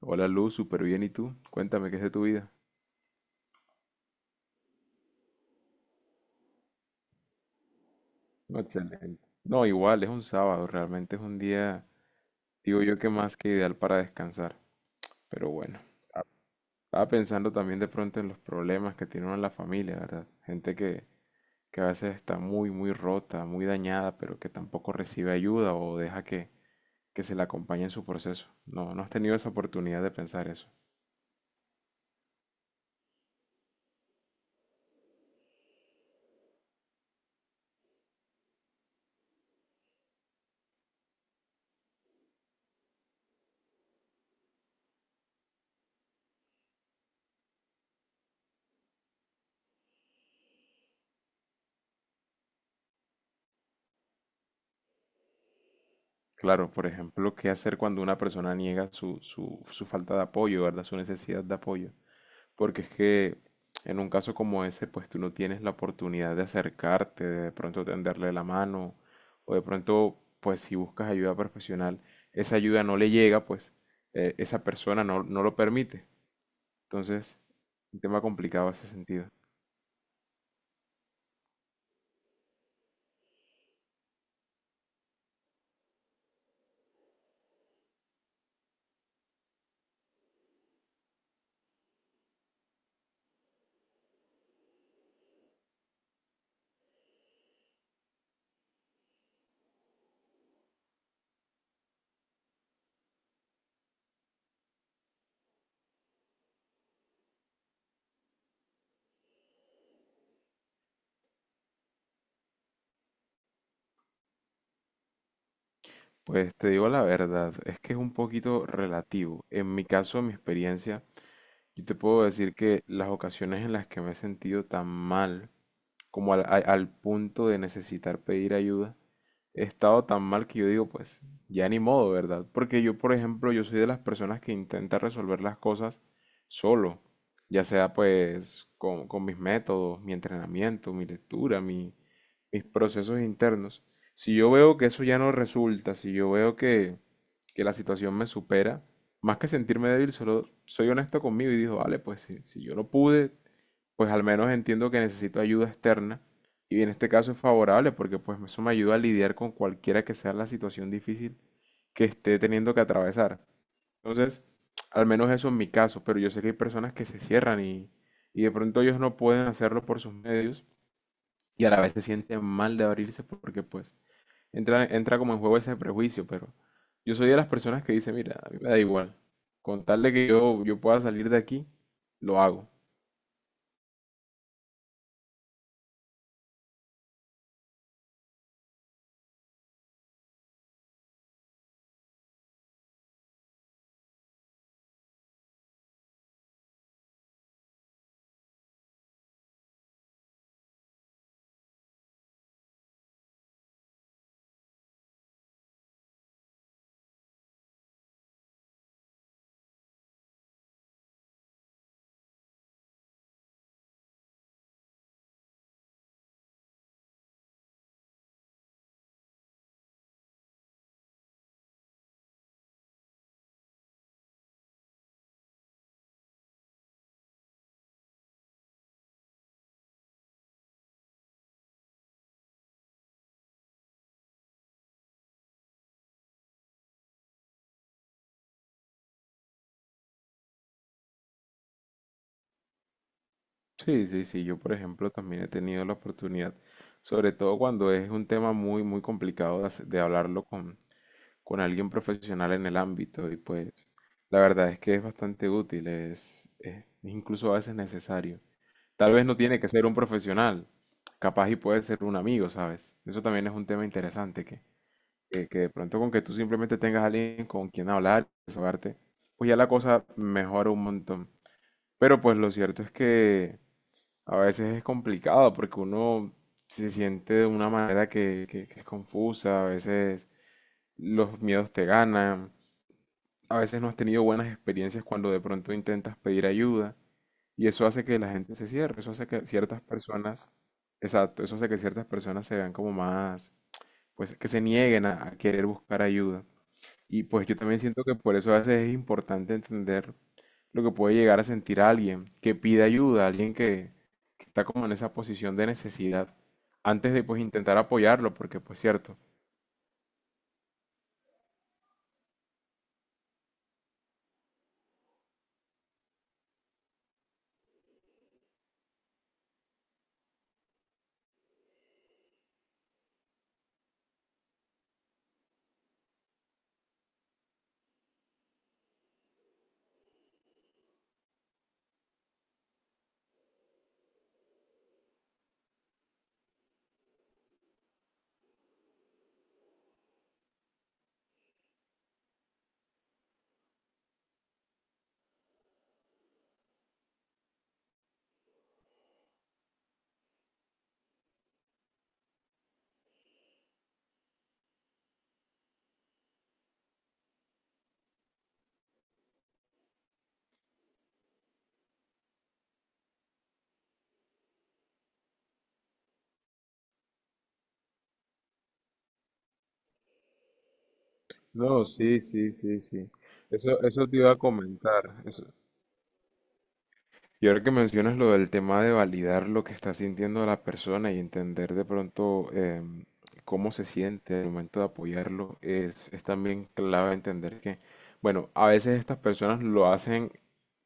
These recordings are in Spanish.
Hola Luz, súper bien. ¿Y tú? Cuéntame, ¿qué es de tu vida? No, excelente. No, igual, es un sábado, realmente es un día, digo yo que más que ideal para descansar. Pero bueno, estaba pensando también de pronto en los problemas que tiene uno en la familia, ¿verdad? Gente que a veces está muy, muy rota, muy dañada, pero que tampoco recibe ayuda o deja que se le acompañe en su proceso. No, no has tenido esa oportunidad de pensar eso. Claro, por ejemplo, ¿qué hacer cuando una persona niega su falta de apoyo, ¿verdad? Su necesidad de apoyo. Porque es que en un caso como ese, pues tú no tienes la oportunidad de acercarte, de pronto tenderle la mano, o de pronto, pues si buscas ayuda profesional, esa ayuda no le llega, pues esa persona no, no lo permite. Entonces, un tema complicado ese sentido. Pues te digo la verdad, es que es un poquito relativo. En mi caso, en mi experiencia, yo te puedo decir que las ocasiones en las que me he sentido tan mal, como al punto de necesitar pedir ayuda, he estado tan mal que yo digo, pues ya ni modo, ¿verdad? Porque yo, por ejemplo, yo soy de las personas que intenta resolver las cosas solo, ya sea pues con mis métodos, mi entrenamiento, mi lectura, mis procesos internos. Si yo veo que eso ya no resulta, si yo veo que la situación me supera, más que sentirme débil, solo soy honesto conmigo y digo, vale, pues si yo no pude, pues al menos entiendo que necesito ayuda externa y en este caso es favorable porque pues eso me ayuda a lidiar con cualquiera que sea la situación difícil que esté teniendo que atravesar. Entonces, al menos eso es mi caso, pero yo sé que hay personas que se cierran y de pronto ellos no pueden hacerlo por sus medios y a la vez se sienten mal de abrirse porque pues entra como en juego ese prejuicio, pero yo soy de las personas que dice mira, a mí me da igual, con tal de que yo pueda salir de aquí, lo hago. Sí, sí, sí, yo por ejemplo también he tenido la oportunidad, sobre todo cuando es un tema muy, muy complicado de, de hablarlo con alguien profesional en el ámbito y pues la verdad es que es bastante útil, es incluso a veces necesario. Tal vez no tiene que ser un profesional, capaz y puede ser un amigo, ¿sabes? Eso también es un tema interesante que de pronto con que tú simplemente tengas alguien con quien hablar, desahogarte, pues ya la cosa mejora un montón. Pero pues lo cierto es que a veces es complicado porque uno se siente de una manera que es confusa, a veces los miedos te ganan, a veces no has tenido buenas experiencias cuando de pronto intentas pedir ayuda y eso hace que la gente se cierre, eso hace que ciertas personas, exacto, eso hace que ciertas personas se vean como más, pues que se nieguen a querer buscar ayuda. Y pues yo también siento que por eso a veces es importante entender lo que puede llegar a sentir alguien que pide ayuda, alguien que está como en esa posición de necesidad, antes de pues intentar apoyarlo, porque pues cierto. No, sí, sí, sí, sí. Eso te iba a comentar. Eso, y ahora que mencionas lo del tema de validar lo que está sintiendo la persona y entender de pronto cómo se siente al momento de apoyarlo, es también clave entender que, bueno, a veces estas personas lo hacen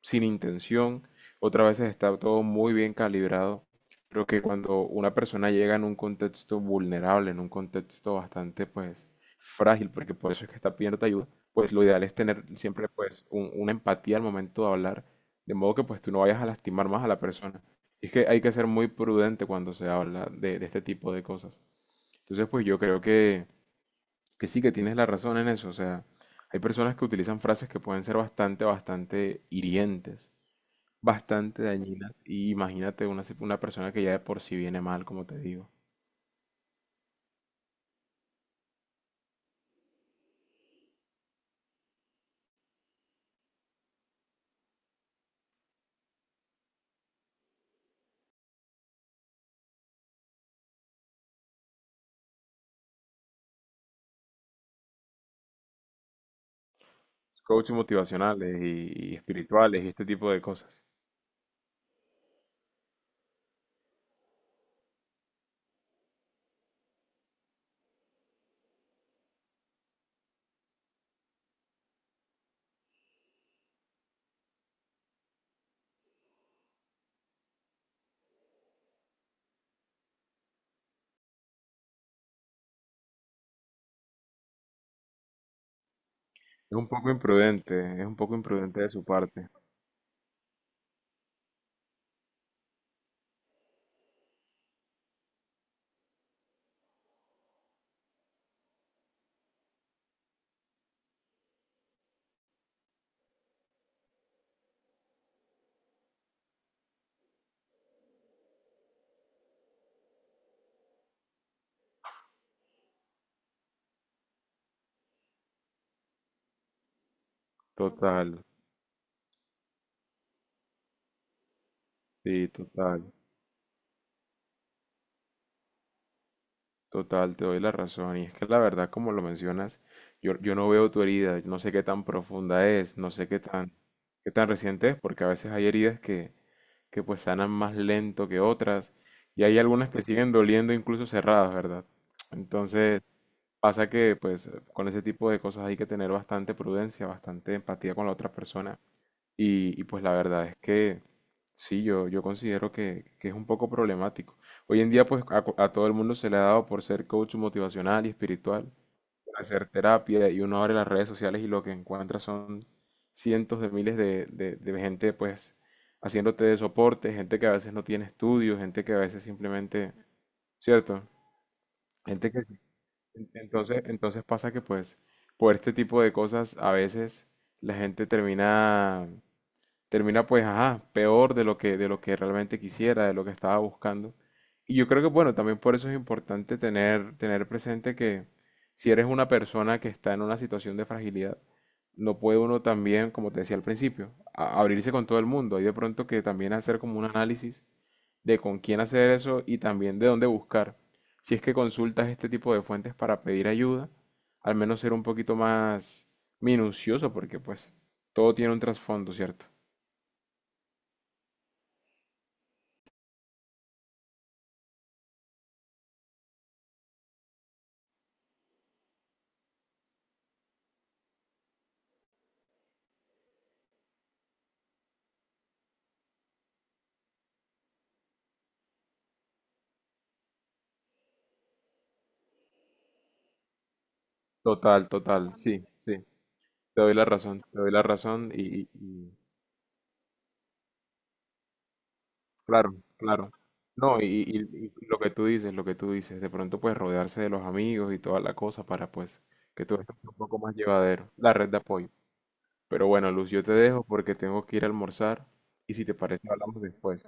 sin intención, otras veces está todo muy bien calibrado. Creo que cuando una persona llega en un contexto vulnerable, en un contexto bastante, pues, frágil, porque por eso es que está pidiendo ayuda, pues lo ideal es tener siempre, pues, una empatía al momento de hablar de modo que pues tú no vayas a lastimar más a la persona. Y es que hay que ser muy prudente cuando se habla de este tipo de cosas. Entonces pues yo creo que sí que tienes la razón en eso. O sea, hay personas que utilizan frases que pueden ser bastante, bastante hirientes, bastante dañinas. Y imagínate una, una persona que ya de por sí viene mal, como te digo. Coaches motivacionales y espirituales y este tipo de cosas. Es un poco imprudente, es un poco imprudente de su parte. Total, sí, total. Total, te doy la razón. Y es que la verdad, como lo mencionas, yo no veo tu herida, no sé qué tan profunda es, no sé qué tan reciente es, porque a veces hay heridas que pues sanan más lento que otras, y hay algunas que siguen doliendo incluso cerradas, ¿verdad? Entonces, pasa que pues con ese tipo de cosas hay que tener bastante prudencia, bastante empatía con la otra persona, y, pues la verdad es que sí, yo considero que es un poco problemático. Hoy en día pues a todo el mundo se le ha dado por ser coach motivacional y espiritual, por hacer terapia y uno abre las redes sociales y lo que encuentra son cientos de miles de gente pues haciéndote de soporte, gente que a veces no tiene estudios, gente que a veces simplemente, ¿cierto? Gente que sí. Entonces, entonces pasa que pues por este tipo de cosas a veces la gente termina termina pues, ajá, peor de lo que realmente quisiera, de lo que estaba buscando. Y yo creo que, bueno, también por eso es importante tener, tener presente que si eres una persona que está en una situación de fragilidad, no puede uno también, como te decía al principio, abrirse con todo el mundo. Hay de pronto que también hacer como un análisis de con quién hacer eso y también de dónde buscar. Si es que consultas este tipo de fuentes para pedir ayuda, al menos ser un poquito más minucioso, porque pues todo tiene un trasfondo, ¿cierto? Total, total, sí, sí, te doy la razón, te doy la razón claro, claro. No, y lo que tú dices, lo que tú dices, de pronto pues rodearse de los amigos y toda la cosa para pues que todo esto sea un poco más llevadero, la red de apoyo. Pero bueno, Luz, yo te dejo porque tengo que ir a almorzar y si te parece hablamos después,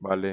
¿vale?